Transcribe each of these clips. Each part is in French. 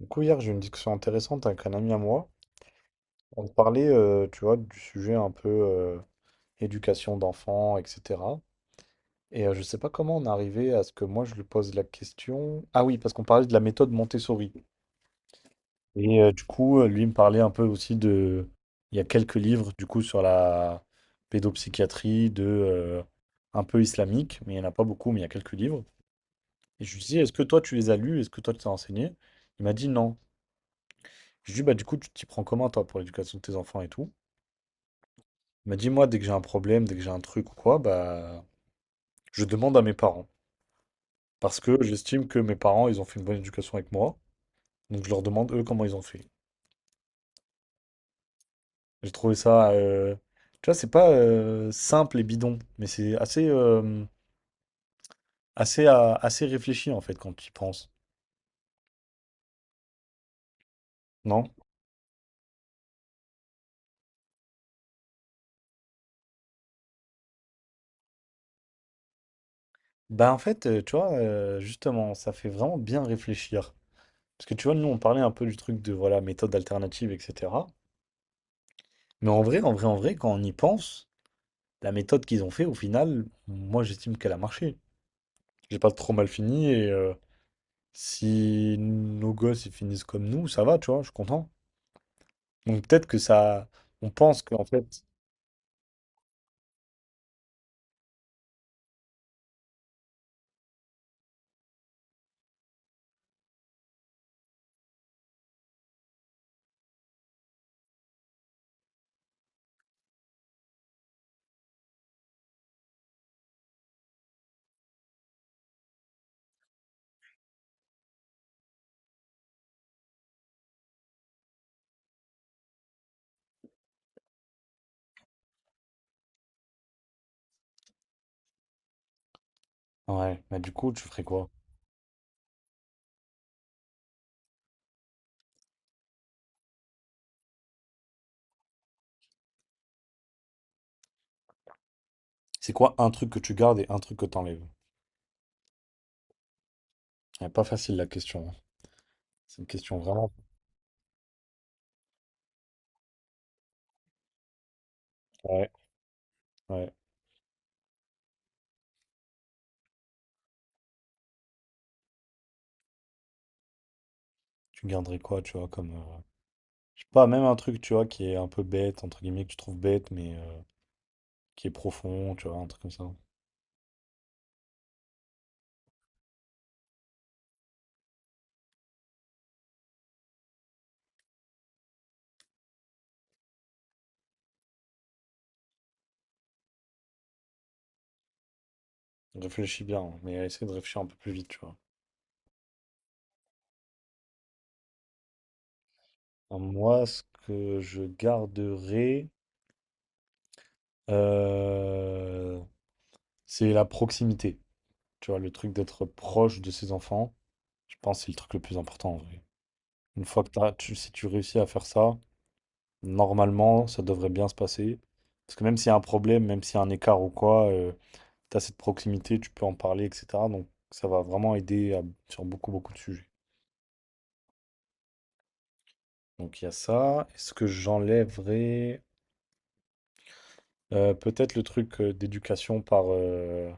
Du coup, hier, j'ai eu une discussion intéressante avec un ami à moi. On parlait, tu vois, du sujet un peu éducation d'enfants, etc. Et je sais pas comment on est arrivé à ce que moi, je lui pose la question. Ah oui, parce qu'on parlait de la méthode Montessori. Et du coup, lui il me parlait un peu aussi de... Il y a quelques livres, du coup, sur la pédopsychiatrie, de... un peu islamique, mais il n'y en a pas beaucoup, mais il y a quelques livres. Et je lui dis, est-ce que toi, tu les as lus? Est-ce que toi, tu t'es renseigné? Il m'a dit non. Je lui dis, bah, du coup, tu t'y prends comment, toi, pour l'éducation de tes enfants et tout? M'a dit, moi, dès que j'ai un problème, dès que j'ai un truc ou quoi, bah, je demande à mes parents. Parce que j'estime que mes parents, ils ont fait une bonne éducation avec moi. Donc, je leur demande, eux, comment ils ont fait. J'ai trouvé ça, tu vois, c'est pas simple et bidon, mais c'est assez, assez réfléchi, en fait, quand tu y penses. Non? Bah, en fait, tu vois, justement, ça fait vraiment bien réfléchir. Parce que, tu vois, nous, on parlait un peu du truc de, voilà, méthode alternative, etc. Mais en vrai, en vrai, en vrai, quand on y pense, la méthode qu'ils ont fait, au final, moi j'estime qu'elle a marché. J'ai pas trop mal fini et si nos gosses ils finissent comme nous, ça va, tu vois, je suis content. Donc peut-être que ça. On pense qu'en fait. Ouais, mais du coup, tu ferais quoi? C'est quoi un truc que tu gardes et un truc que t'enlèves? Ouais, pas facile la question, hein. C'est une question vraiment. Ouais, ouais. Tu garderais quoi, tu vois, comme. Je sais pas, même un truc, tu vois, qui est un peu bête, entre guillemets, que tu trouves bête, mais qui est profond, tu vois, un truc comme ça. Réfléchis bien, hein, mais essaie de réfléchir un peu plus vite, tu vois. Alors, moi, ce que je garderai, euh, c'est la proximité. Tu vois, le truc d'être proche de ses enfants, je pense que c'est le truc le plus important en vrai. Une fois que si tu réussis à faire ça, normalement, ça devrait bien se passer. Parce que même s'il y a un problème, même s'il y a un écart ou quoi, tu as cette proximité, tu peux en parler, etc. Donc, ça va vraiment aider sur beaucoup, beaucoup de sujets. Donc, il y a ça. Est-ce que j'enlèverais peut-être le truc d'éducation par... euh,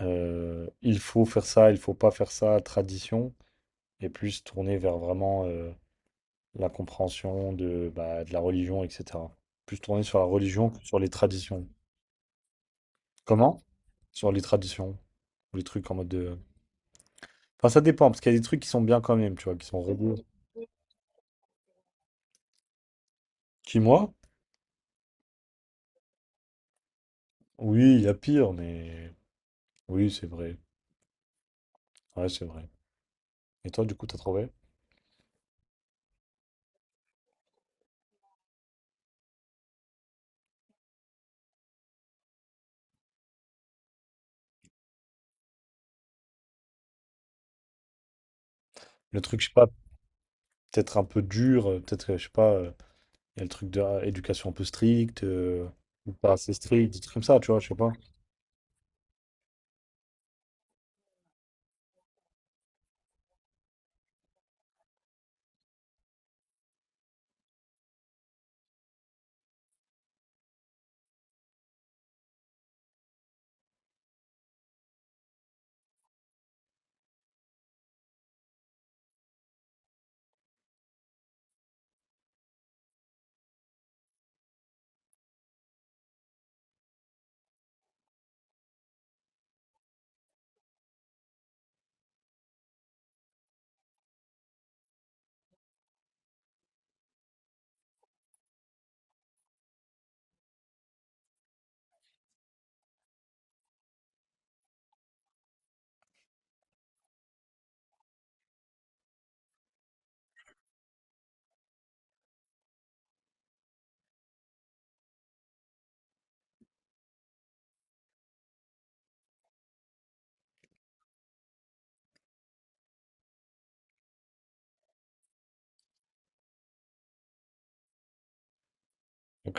euh, il faut faire ça, il faut pas faire ça, tradition, et plus tourner vers vraiment la compréhension de, bah, de la religion, etc. Plus tourner sur la religion que sur les traditions. Comment? Sur les traditions. Ou les trucs en mode de... Enfin, ça dépend, parce qu'il y a des trucs qui sont bien quand même, tu vois, qui sont religieux. Qui, moi? Oui, il y a pire, mais... Oui, c'est vrai. Ouais, c'est vrai. Et toi, du coup, t'as trouvé? Le truc, je sais pas, peut-être un peu dur, peut-être, je sais pas... Il y a le truc de ah, éducation un peu stricte, ou pas assez stricte, des trucs comme ça, tu vois, je sais pas. Ok.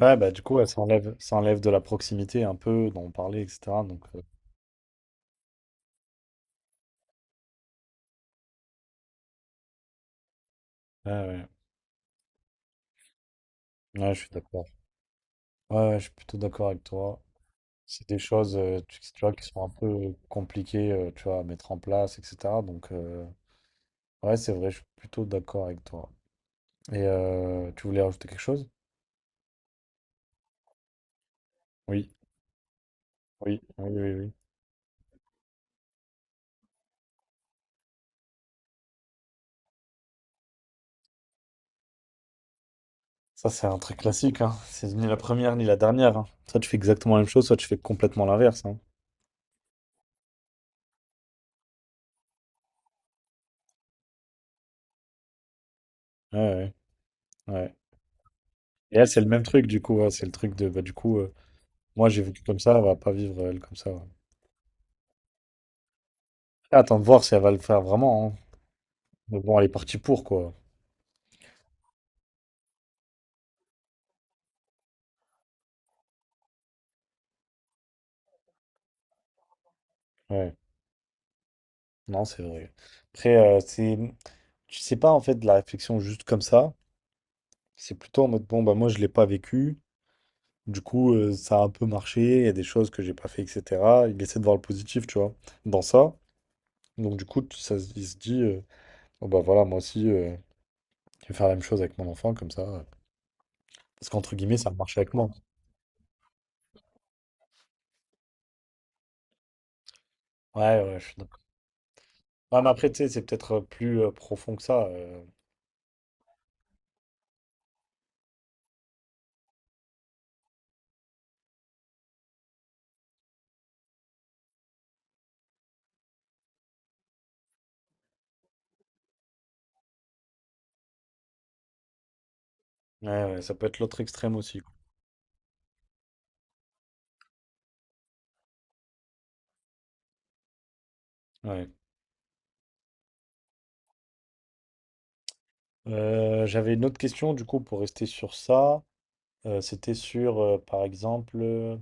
Ouais, bah du coup, ouais, ça enlève de la proximité un peu, dont on parlait, etc. Donc, ouais, ouais. Ouais, je suis d'accord. Ouais, ouais, je suis plutôt d'accord avec toi. C'est des choses, tu vois, qui sont un peu compliquées, tu vois, à mettre en place, etc. Donc, ouais, c'est vrai, je suis plutôt d'accord avec toi. Et tu voulais rajouter quelque chose? Oui, oui, oui, oui, oui. Ça, c'est un truc classique, hein. C'est ni la première ni la dernière, hein. Soit tu fais exactement la même chose, soit tu fais complètement l'inverse, hein. Ouais, ouais, ouais. Et elle, c'est le même truc, du coup, ouais. C'est le truc de, bah, du coup, moi, j'ai vécu comme ça, elle va pas vivre, elle, comme ça, ouais. Attends de voir si elle va le faire vraiment, hein. Mais bon, elle est partie pour, quoi. Ouais, non, c'est vrai. Après, c'est... Tu sais pas, en fait, de la réflexion juste comme ça. C'est plutôt en mode, bon, bah, moi, je l'ai pas vécu. Du coup, ça a un peu marché, il y a des choses que j'ai pas fait, etc. Il essaie de voir le positif, tu vois, dans ça. Donc du coup, il se dit, oh bah voilà, moi aussi, je vais faire la même chose avec mon enfant, comme ça. Parce qu'entre guillemets, ça a marché avec moi. Ouais, ouais, je suis d'accord. Ouais, mais après, tu sais, c'est peut-être plus profond que ça. Ouais, ouais, ça peut être l'autre extrême aussi, quoi. Ouais. J'avais une autre question, du coup, pour rester sur ça. C'était sur, par exemple,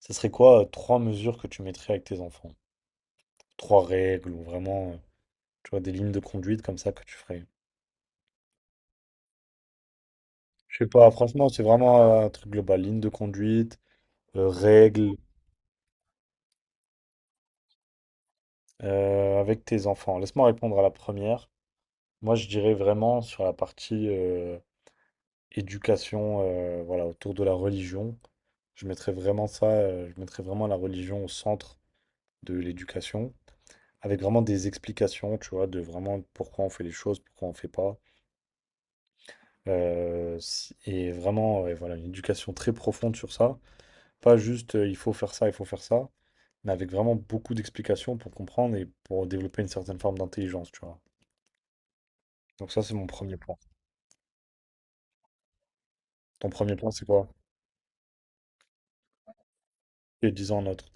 ça serait quoi trois mesures que tu mettrais avec tes enfants? Trois règles ou vraiment... Tu vois, des lignes de conduite comme ça que tu ferais. Je sais pas, franchement, c'est vraiment un truc global. Ligne de conduite, règles avec tes enfants. Laisse-moi répondre à la première. Moi, je dirais vraiment sur la partie éducation, voilà, autour de la religion. Je mettrais vraiment ça, je mettrais vraiment la religion au centre de l'éducation, avec vraiment des explications, tu vois, de vraiment pourquoi on fait les choses, pourquoi on fait pas. Et vraiment, ouais, voilà, une éducation très profonde sur ça. Pas juste il faut faire ça, il faut faire ça, mais avec vraiment beaucoup d'explications pour comprendre et pour développer une certaine forme d'intelligence, tu vois. Donc ça, c'est mon premier point. Ton premier point, c'est quoi? Et 10 ans notre.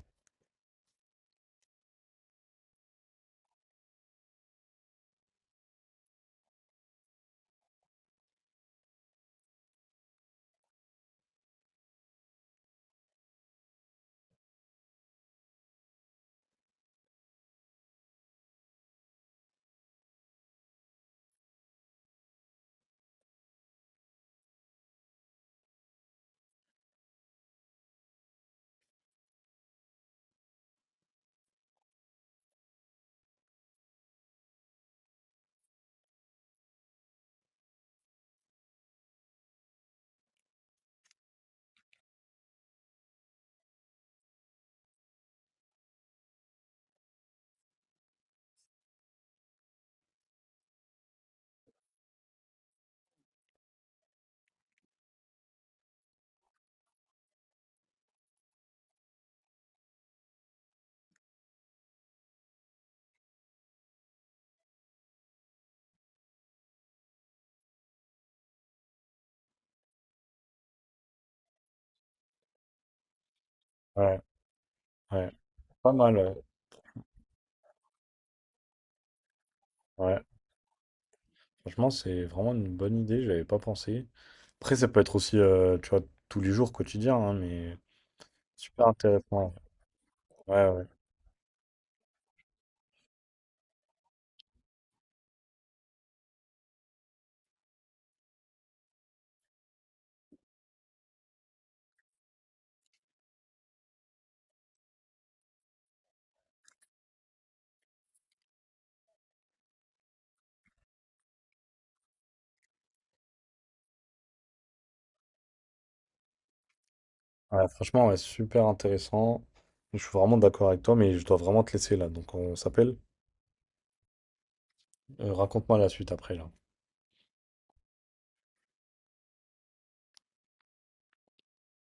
Ouais, ouais. Pas mal, ouais. Ouais. Franchement, c'est vraiment une bonne idée, j'avais pas pensé. Après, ça peut être aussi, tu vois, tous les jours, quotidien, hein, mais super intéressant. Ouais, ouais. Ouais, franchement, ouais, super intéressant. Je suis vraiment d'accord avec toi, mais je dois vraiment te laisser là. Donc on s'appelle. Raconte-moi la suite après là.